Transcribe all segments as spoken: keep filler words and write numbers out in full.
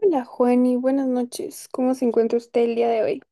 Hola Juani, buenas noches. ¿Cómo se encuentra usted el día de hoy?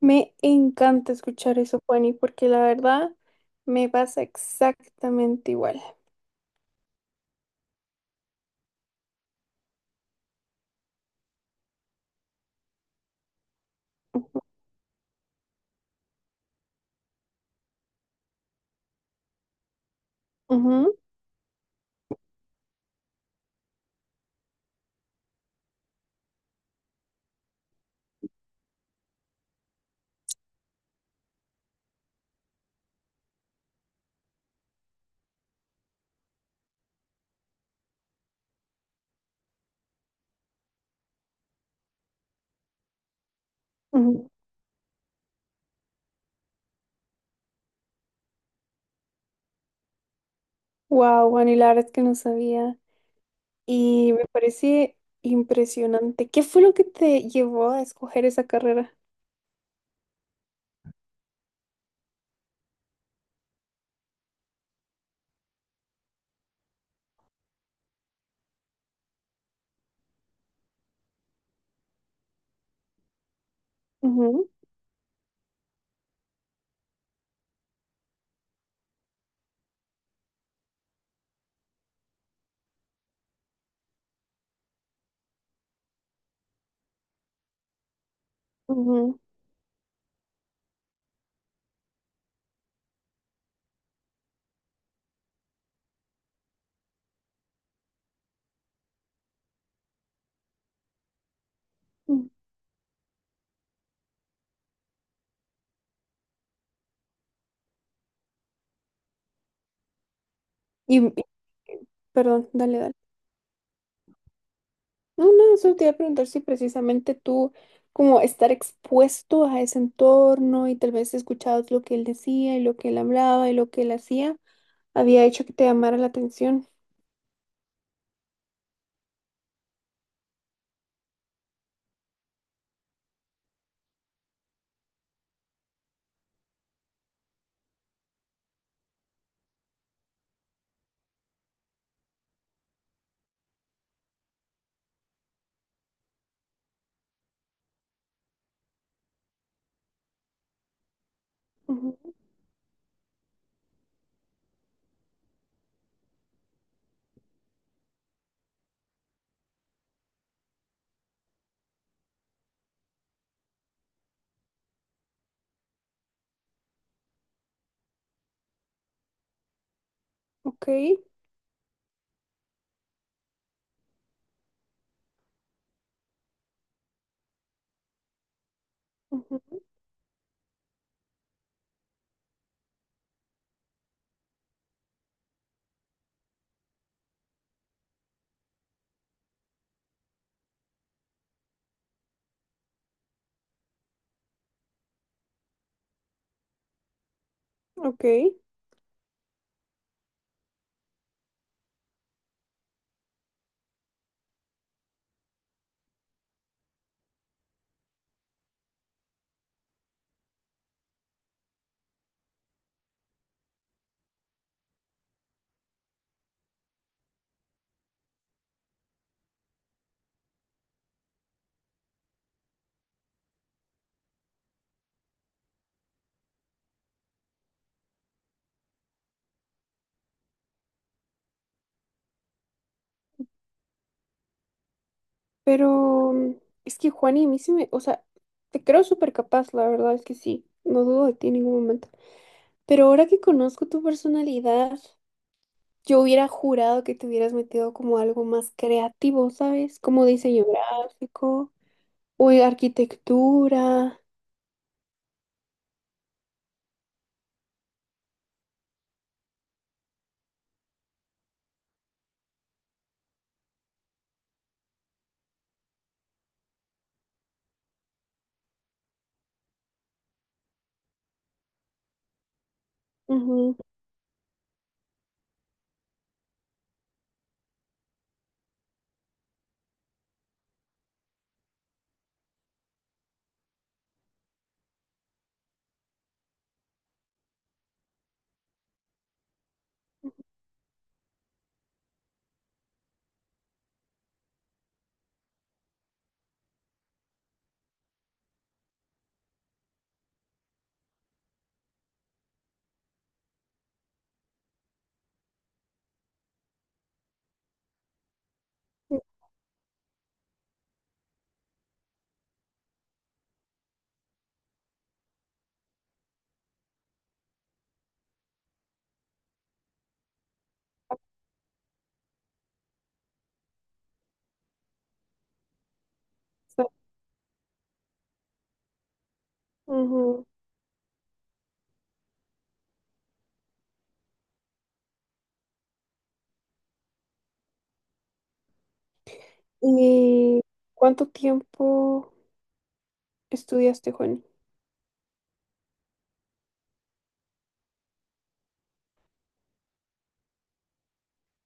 Me encanta escuchar eso, Juani, porque la verdad me pasa exactamente igual. Ujú, ujú, ujú. Wow, Juani, la verdad es que no sabía y me parece impresionante. ¿Qué fue lo que te llevó a escoger esa carrera? Ujú, ujú, ujú. Y y- Perdón, dale, dale. No, no, solo te iba a preguntar si precisamente tú, como estar expuesto a ese entorno y tal vez escuchabas lo que él decía y lo que él hablaba y lo que él hacía, había hecho que te llamara la atención. Ujú, ok, ujú, ok. Pero mm, es que Juani, a mí sí me, o sea, te creo súper capaz, la verdad es que sí, no dudo de ti en ningún momento. Pero ahora que conozco tu personalidad, yo hubiera jurado que te hubieras metido como algo más creativo, ¿sabes? Como diseño gráfico. Uy, arquitectura. Ujú. Ujú. ¿Y cuánto tiempo estudiaste, Juani?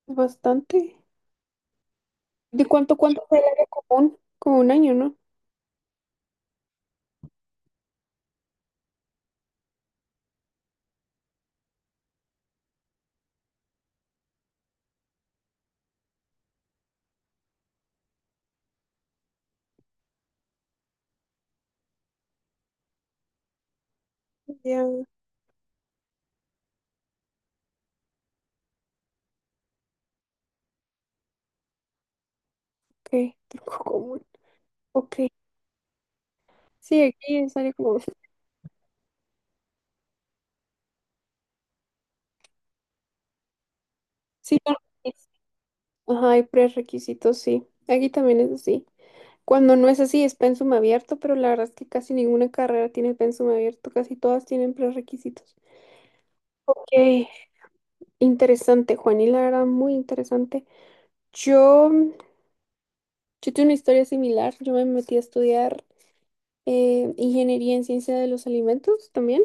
Es bastante. ¿De cuánto, cuánto fue el área común? Como un año, ¿no? Ya, ok. Tronco común. Ok. Sí, aquí es área común. Sí, no, es- Ajá, hay prerequisitos, sí. Aquí también es así. Cuando no es así, es pensum abierto, pero la verdad es que casi ninguna carrera tiene pensum abierto, casi todas tienen prerequisitos. Ok, interesante, Juan, y la verdad, muy interesante. Yo, yo tuve una historia similar, yo me metí a estudiar eh, ingeniería en ciencia de los alimentos también.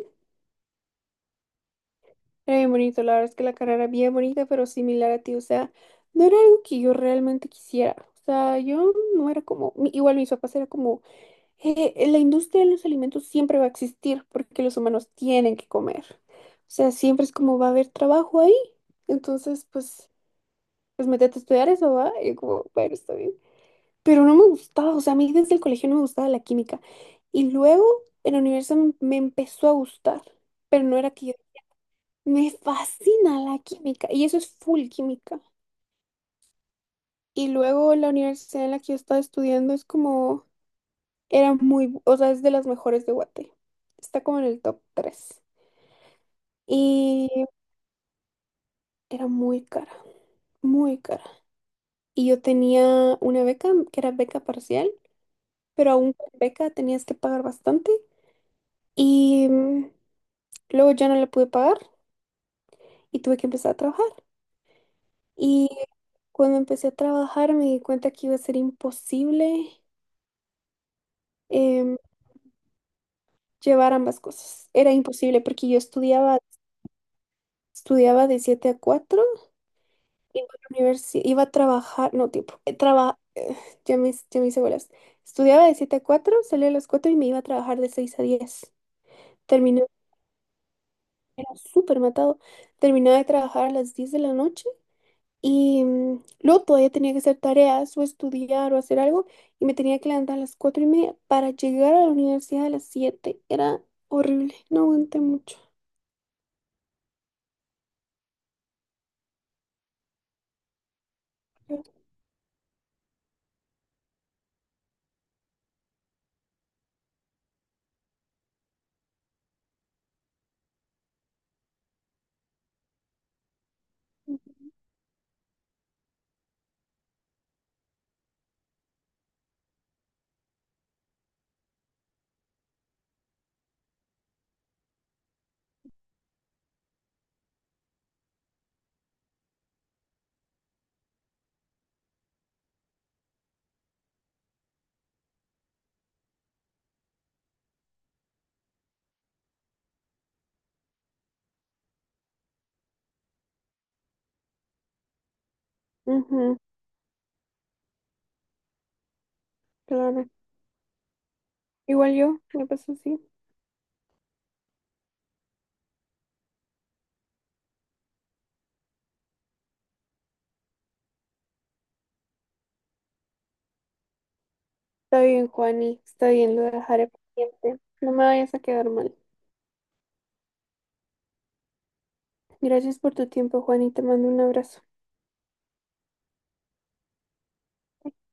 Era bien bonito, la verdad es que la carrera era bien bonita, pero similar a ti, o sea, no era algo que yo realmente quisiera. O sea, yo no era como, mi- igual mis papás era como eh, la industria de los alimentos siempre va a existir porque los humanos tienen que comer. O sea, siempre es como va a haber trabajo ahí. Entonces, pues, pues métete a estudiar eso, ¿va? Y como, bueno, está bien. Pero no me gustaba, o sea, a mí desde el colegio no me gustaba la química. Y luego en la universidad me, me empezó a gustar, pero no era que yo... Me fascina la química y eso es full química. Y luego la universidad en la que yo estaba estudiando es como... Era muy, bu- o sea, es de las mejores de Guate. Está como en el top tres. Y era muy cara, muy cara. Y yo tenía una beca, que era beca parcial, pero aún con beca tenías que pagar bastante. Y mm, luego ya no la pude pagar y tuve que empezar a trabajar. Y cuando empecé a trabajar me di cuenta que iba a ser imposible em, llevar ambas cosas. Era imposible porque yo estudiaba, estudiaba de siete a cuatro. Iba a la universidad, iba a trabajar, no, tiempo, eh, traba, eh, ya me, ya me hice bolas. Estudiaba de siete a cuatro, salía a las cuatro y me iba a trabajar de seis a diez. Terminé, era súper matado. Terminaba de trabajar a las diez de la noche y mm, luego todavía tenía que hacer tareas o estudiar o hacer algo y me tenía que levantar a las cuatro y media para llegar a la universidad a las siete. Era horrible, no aguanté mucho. Ujú, claro. Igual yo, me pasó así. Está bien, Juani, está bien, lo dejaré pendiente. No me vayas a quedar mal. Gracias por tu tiempo, Juani, te mando un abrazo.